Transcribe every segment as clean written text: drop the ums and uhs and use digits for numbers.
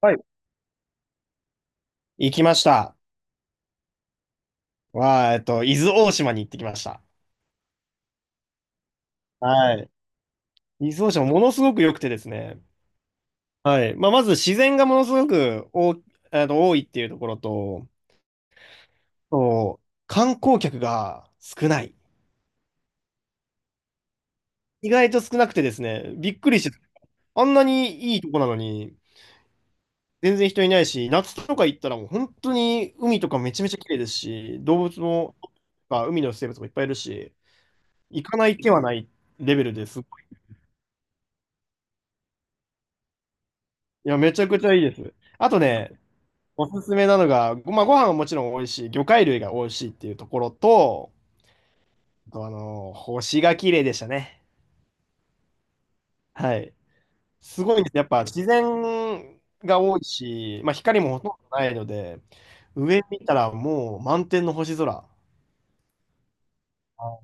はい。行きました。は、えっと、伊豆大島に行ってきました。はい。伊豆大島ものすごく良くてですね。はい。まあ、まず自然がものすごく多、あの、多いっていうところと、そう、観光客が少ない。意外と少なくてですね、びっくりして、あんなにいいとこなのに、全然人いないし、夏とか行ったらもう本当に海とかめちゃめちゃ綺麗ですし、動物も、まあ海の生物もいっぱいいるし、行かない手はないレベルですごい。いや、めちゃくちゃいいです。あとね、おすすめなのが、まあ、ご飯はもちろん美味しい、魚介類が美味しいっていうところと、あと、あの、星が綺麗でしたね。はい。すごいんです。やっぱ自然が多いし、まあ、光もほとんどないので、上見たらもう満天の星空。あ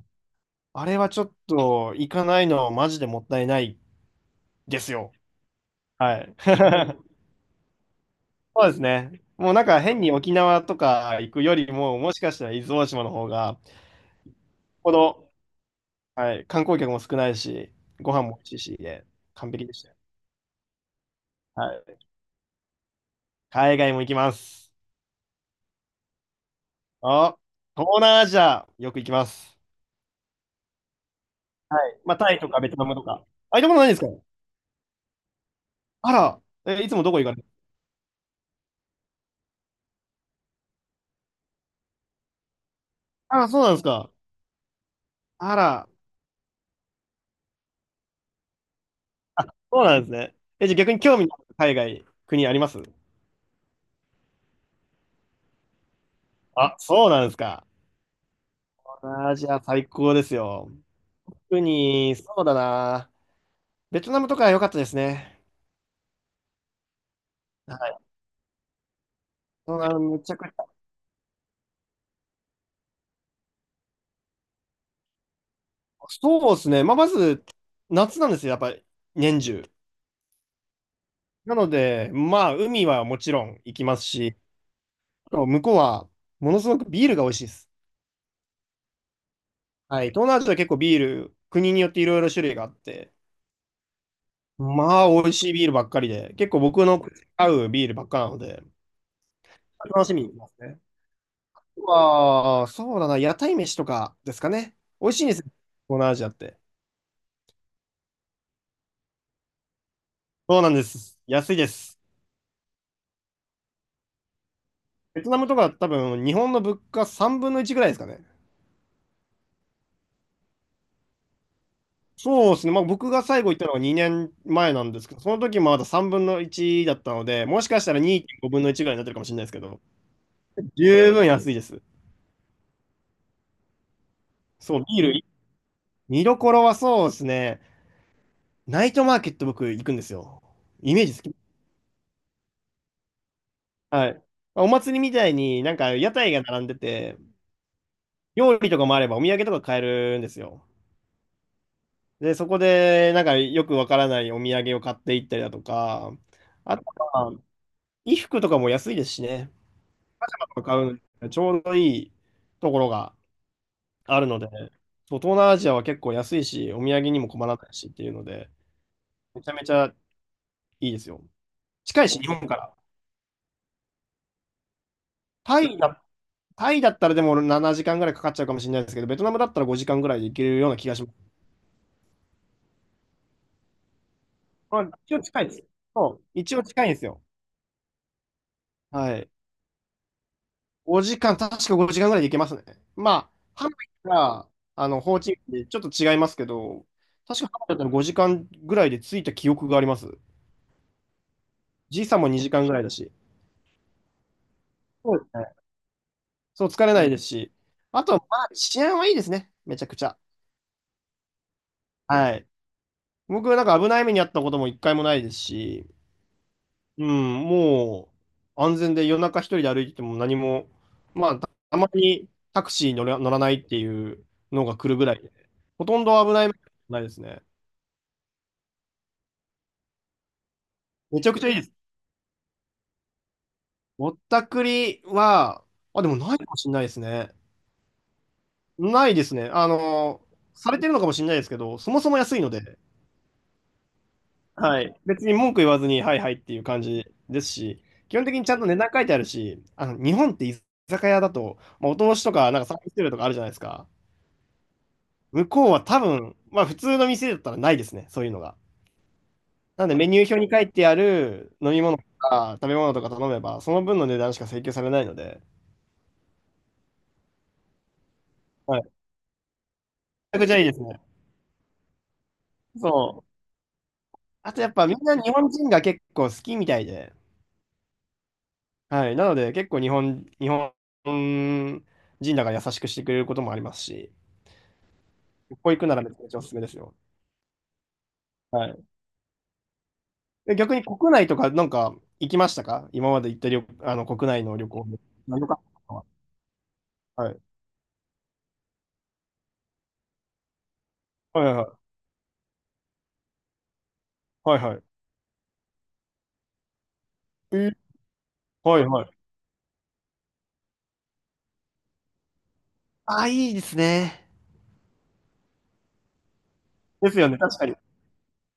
あれはちょっと行かないのはマジでもったいないですよ。はい。そうですね。もうなんか変に沖縄とか行くよりも、もしかしたら伊豆大島の方が、このはい。観光客も少ないし、ご飯も美味しいし、で、完璧でしたよ。はい。海外も行きます。あ、東南アジア、よく行きます。まあ、タイとかベトナムとか。あ、行ったことないんですか？あら、え、いつもどこ行かれる？あ、そうなんですか。あら、そうなんですね。え、じゃあ逆に興味のある海外、国あります？あ、そうなんですか。東南アジア最高ですよ。特に、そうだな。ベトナムとか良かったですね。はい。東南めちゃく、そうですね。まあ、まず、夏なんですよ、やっぱり、年中。なので、まあ、海はもちろん行きますし、あと向こうは、ものすごくビールが美味しいです。はい。東南アジア結構ビール、国によっていろいろ種類があって、まあ、美味しいビールばっかりで、結構僕の合うビールばっかなので、楽しみに行きますね。まあ、そうだな、屋台飯とかですかね。美味しいんですよ、東南アジアって。そうなんです。安いです。ベトナムとか多分、日本の物価3分の1ぐらいですかね。そうですね、まあ、僕が最後行ったのは2年前なんですけど、その時もまだ3分の1だったので、もしかしたら2.5分の1ぐらいになってるかもしれないですけど、十分安いです。そう、ビール、見どころはそうですね、ナイトマーケット僕行くんですよ。イメージ好き。はい。お祭りみたいになんか屋台が並んでて、料理とかもあればお土産とか買えるんですよ。で、そこでなんかよくわからないお土産を買っていったりだとか、あとは衣服とかも安いですしね。買うのにねちょうどいいところがあるので、そう東南アジアは結構安いし、お土産にも困らないしっていうので、めちゃめちゃいいですよ。近いし、日本から。タイだ、タイだったらでも7時間ぐらいかかっちゃうかもしれないですけど、ベトナムだったら5時間ぐらいで行けるような気がします。まあ、一応近いです。そう、一応近いんですよ。はい。5時間、確か5時間ぐらいで行けますね。まあ、ハノイから、あの、ホーチミンってちょっと違いますけど、確かハノイだったら5時間ぐらいで着いた記憶があります。時差も2時間ぐらいだし、そうですね。そう、疲れないですし、あとは、まあ、治安はいいですね、めちゃくちゃ。はい。僕、なんか危ない目に遭ったことも一回もないですし、うん、もう安全で夜中一人で歩いてても何も、まあ、たまにタクシー乗ら、乗らないっていうのが来るぐらいで、ほとんど危ない目に遭ってないですね。めちゃくちゃいいです。ぼったくりは、あ、でもないかもしれないですね。ないですね。あの、されてるのかもしれないですけど、そもそも安いので、はい。別に文句言わずに、はいはいっていう感じですし、基本的にちゃんと値段書いてあるし、あの、日本って居酒屋だと、まあ、お通しとか、なんかサービス料とかあるじゃないですか。向こうは多分、まあ普通の店だったらないですね、そういうのが。なのでメニュー表に書いてある飲み物とか食べ物とか頼めば、その分の値段しか請求されないので、はい。めちゃくちゃいいですね。そう。あとやっぱみんな日本人が結構好きみたいで、はい。なので結構日本人だから優しくしてくれることもありますし、行くならめちゃめちゃおすすめですよ。はい。で、逆に国内とかなんか行きましたか？今まで行った旅、あの国内の旅行で。何度か。はい。はいはいはい。はいはい。えーはいはい。ああ、いいですね。ですよね、確かに。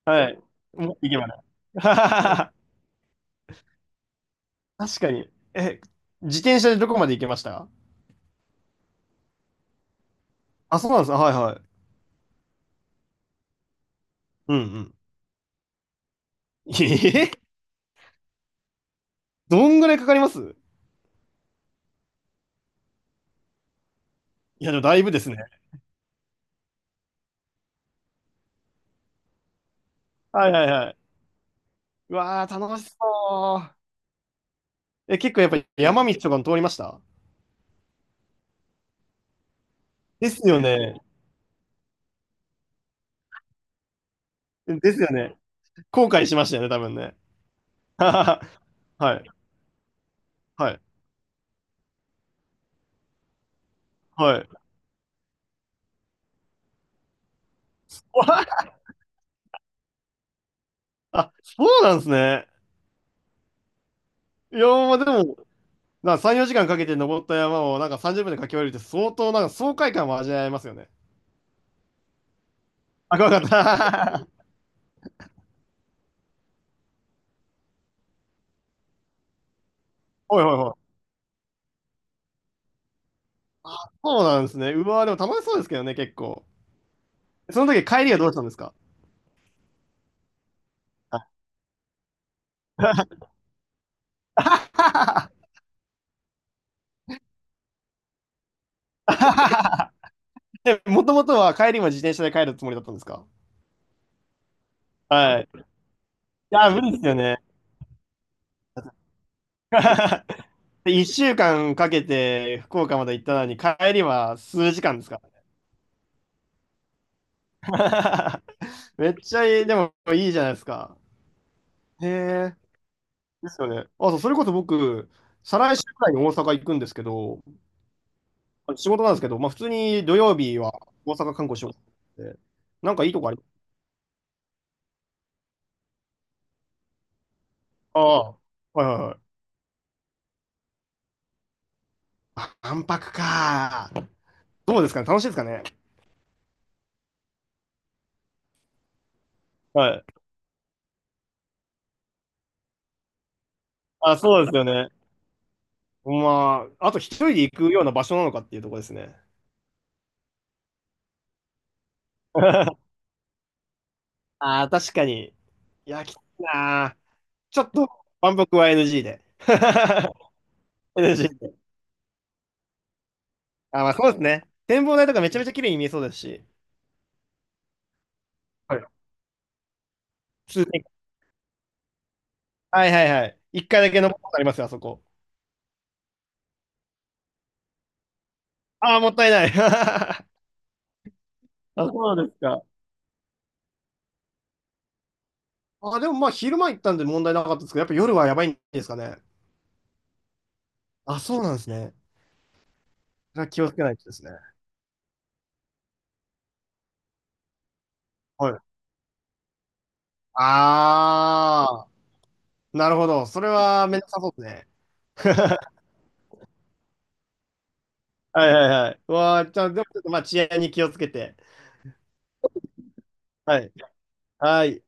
はい。もっと行けばね。はははは、確かに。え、自転車でどこまで行けました？あ、そうなんです。はいはい。うんうん。ええ。どんぐらいかかります？いや、でもだいぶですね。はいはいはい。うわー、楽しそう。え、結構やっぱり山道とかも通りました？ですよね。ですよね。後悔しましたよね、多分ね。はい、はい、はい。あ、そうなんですね。いやー、まあでも、なんか3、4時間かけて登った山をなんか30分で駆け下りるって相当なんか爽快感も味わえますよね。あ、怖かった。ほいほいほい。そうなんですね。うわー、でも楽しそうですけどね、結構。その時帰りはどうしたんですか？はい。 で、もともとは帰りも自転車で帰るつもりだったんですか？はい。いやー、無理ですよね。で、1週間かけて福岡まで行ったのに、帰りは数時間ですか？ら めっちゃいい、でもいいじゃないですか。へえ、ですよね。あ、そう、それこそ僕、再来週くらいに大阪行くんですけど、仕事なんですけど、まあ普通に土曜日は大阪観光しようと思って、なんかいいとこあり、ああ、はいはいはい。あ、万博か。どうですかね、楽しいですかね？はい。あ、そうですよね。まあ、あと一人で行くような場所なのかっていうところですね。ああ、確かに。いや、きついなー。ちょっと、万博は NG で。NG で。あ、まあそうですね。展望台とかめちゃめちゃ綺麗に見えそうですし。はい。通天はいはいはい。一回だけ登ったことありますよ、あそこ。ああ、もったいない。あ、そうなんですか。あ、でもまあ昼間行ったんで問題なかったですけど、やっぱ夜はやばいんですかね。あ、そうなんですね。それは気をつけないとですね。はい。ああ、なるほど。それはめんどくさそうですね。はいはいはい。うわあ、じゃあ、でもちょっとまあ治安に気をつけて。はい。はい。